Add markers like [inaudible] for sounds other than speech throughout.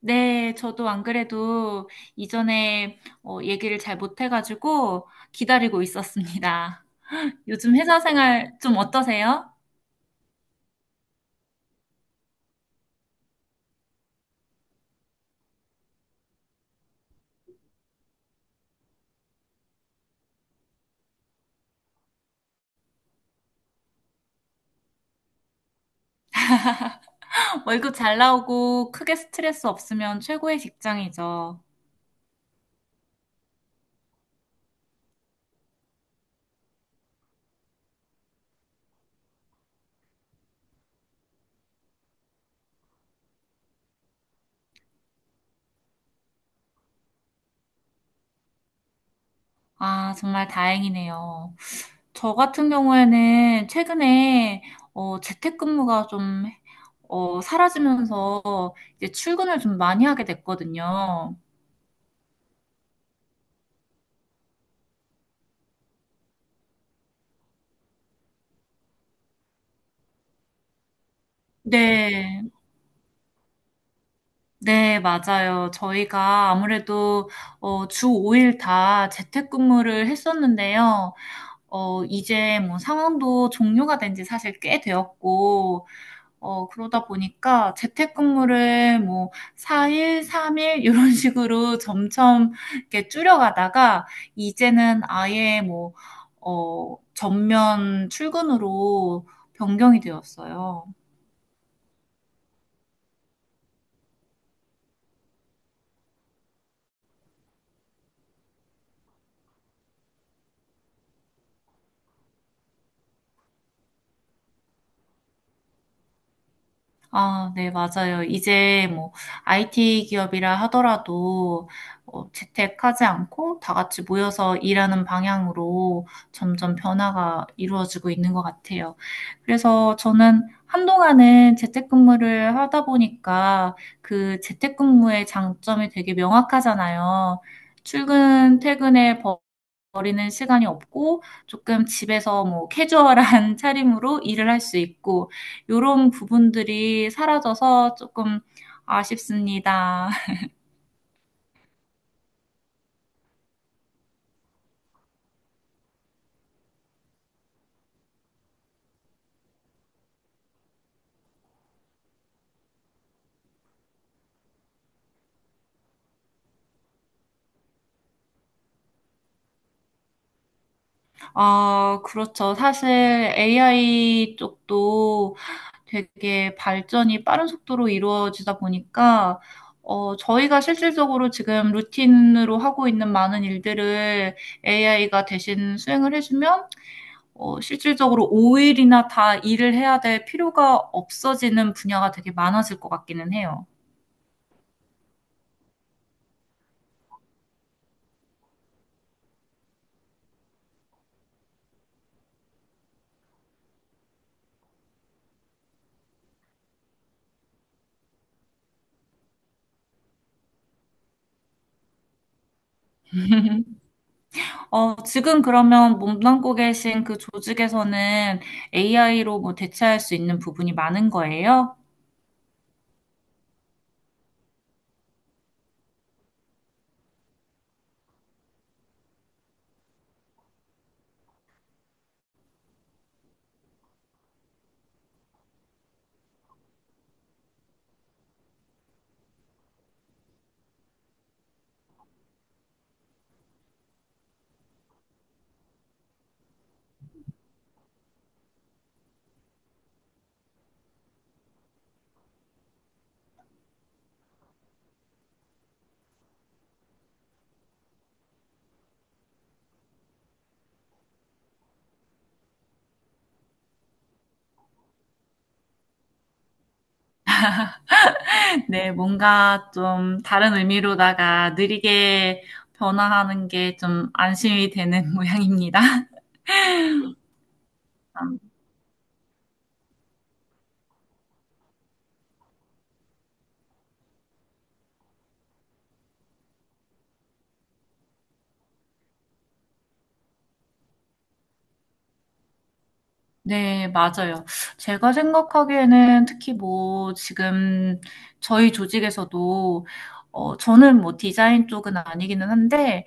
네, 저도 안 그래도 이전에 얘기를 잘 못해가지고 기다리고 있었습니다. [laughs] 요즘 회사 생활 좀 어떠세요? 월급 잘 나오고 크게 스트레스 없으면 최고의 직장이죠. 아, 정말 다행이네요. 저 같은 경우에는 최근에 재택근무가 좀 사라지면서 이제 출근을 좀 많이 하게 됐거든요. 네. 네, 맞아요. 저희가 아무래도 주 5일 다 재택근무를 했었는데요. 어, 이제 뭐 상황도 종료가 된지 사실 꽤 되었고, 그러다 보니까 재택근무를 뭐 4일, 3일 이런 [laughs] 식으로 점점 이렇게 줄여가다가 이제는 아예 뭐, 전면 출근으로 변경이 되었어요. 아, 네, 맞아요. 이제 뭐 IT 기업이라 하더라도 재택하지 않고 다 같이 모여서 일하는 방향으로 점점 변화가 이루어지고 있는 것 같아요. 그래서 저는 한동안은 재택근무를 하다 보니까 그 재택근무의 장점이 되게 명확하잖아요. 출근, 퇴근의 법 버리는 시간이 없고 조금 집에서 뭐 캐주얼한 [laughs] 차림으로 일을 할 수 있고 요런 부분들이 사라져서 조금 아쉽습니다. [laughs] 아 그렇죠. 사실 AI 쪽도 되게 발전이 빠른 속도로 이루어지다 보니까 어 저희가 실질적으로 지금 루틴으로 하고 있는 많은 일들을 AI가 대신 수행을 해 주면 실질적으로 5일이나 다 일을 해야 될 필요가 없어지는 분야가 되게 많아질 것 같기는 해요. 어, 지금 그러면 몸담고 계신 그 조직에서는 AI로 뭐 대체할 수 있는 부분이 많은 거예요? [laughs] 네, 뭔가 좀 다른 의미로다가 느리게 변화하는 게 좀 안심이 되는 [laughs] 모양입니다. 네, 맞아요. 제가 생각하기에는 특히 뭐 지금 저희 조직에서도 저는 뭐 디자인 쪽은 아니기는 한데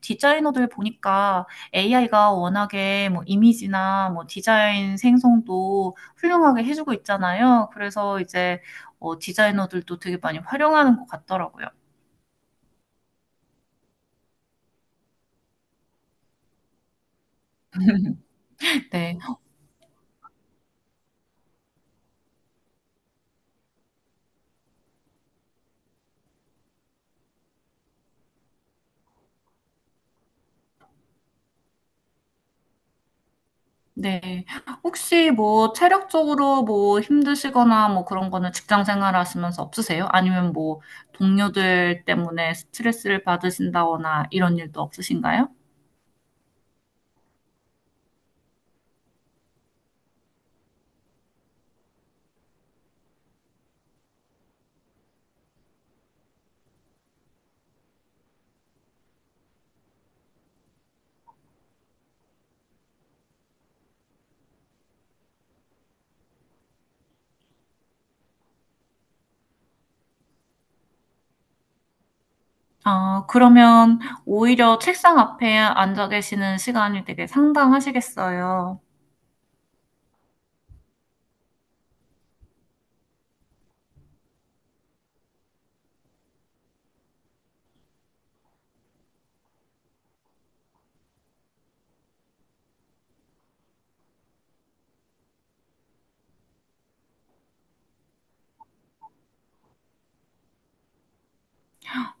디자이너들 보니까 AI가 워낙에 뭐 이미지나 뭐 디자인 생성도 훌륭하게 해주고 있잖아요. 그래서 이제 디자이너들도 되게 많이 활용하는 것 같더라고요. 네. 네. 혹시 뭐 체력적으로 뭐 힘드시거나 뭐 그런 거는 직장 생활 하시면서 없으세요? 아니면 뭐 동료들 때문에 스트레스를 받으신다거나 이런 일도 없으신가요? 아, 그러면 오히려 책상 앞에 앉아 계시는 시간이 되게 상당하시겠어요.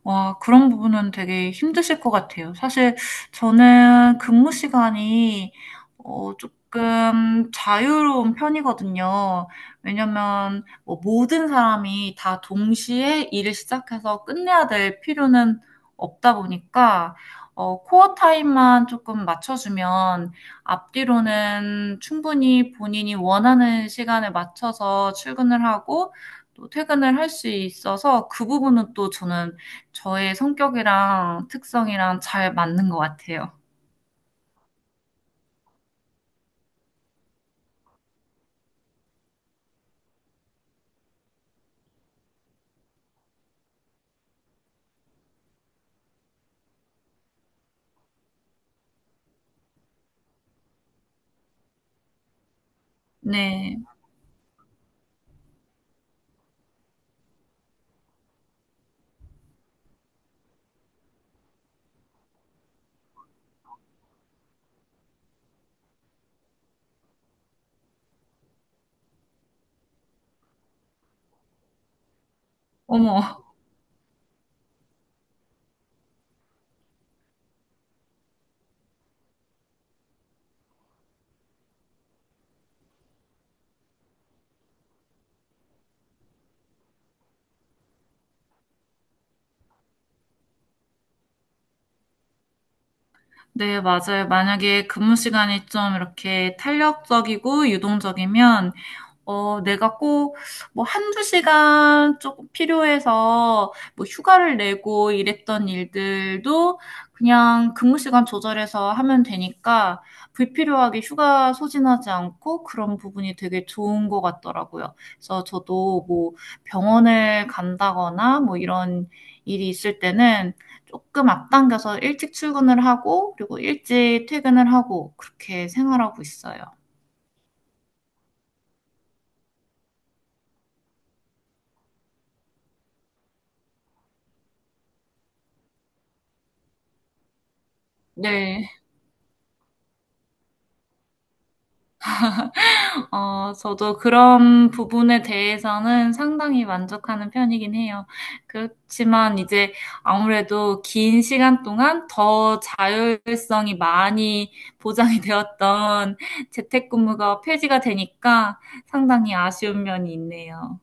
와, 그런 부분은 되게 힘드실 것 같아요. 사실 저는 근무 시간이 어 쪼끔 자유로운 편이거든요. 왜냐면 뭐 모든 사람이 다 동시에 일을 시작해서 끝내야 될 필요는 없다 보니까 어 코어 타임만 쪼끔 맞춰 주면 앞뒤로는 충분히 본인이 원하는 시간에 맞춰서 출근을 하고 또 퇴근을 할 수 있어서 그 부분은 또 저는 저의 성격이랑 특성이랑 잘 맞는 것 같아요. 네. 어머. 네, 맞아요. 만약에 근무 시간이 좀 이렇게 탄력적이고 유동적이면 어, 내가 꼭, 뭐, 한두 시간 조금 필요해서, 뭐, 휴가를 내고 이랬던 일들도 그냥 근무 시간 조절해서 하면 되니까, 불필요하게 휴가 소진하지 않고 그런 부분이 되게 좋은 것 같더라고요. 그래서 저도 뭐, 병원을 간다거나 뭐, 이런 일이 있을 때는 조금 앞당겨서 일찍 출근을 하고, 그리고 일찍 퇴근을 하고, 그렇게 생활하고 있어요. 네. 어, 저도 그런 부분에 대해서는 상당히 만족하는 편이긴 해요. 그렇지만 이제 아무래도 긴 시간 동안 더 자율성이 많이 보장이 [laughs] 되었던 재택근무가 폐지가 되니까 상당히 아쉬운 면이 있네요.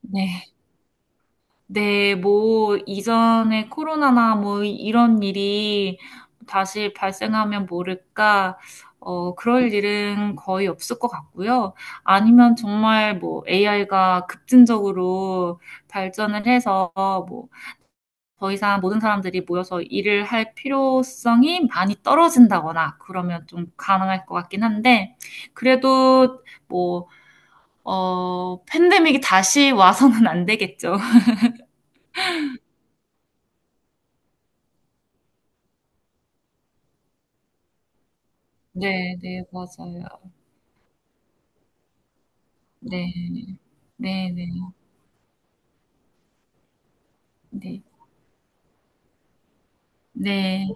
네. 네, 뭐, 이전에 코로나나 뭐, 이런 일이 다시 발생하면 모를까, 그럴 일은 거의 없을 것 같고요. 아니면 정말 뭐, AI가 급진적으로 발전을 해서 뭐, 더 이상 모든 사람들이 모여서 일을 할 필요성이 많이 떨어진다거나, 그러면 좀 가능할 것 같긴 한데, 그래도 뭐, 팬데믹이 다시 와서는 안 되겠죠. [laughs] 네, 네, 맞아요. 네. 네, 네. 네. 네.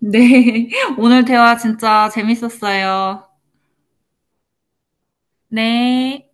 네. [laughs] 오늘 대화 진짜 재밌었어요. 네.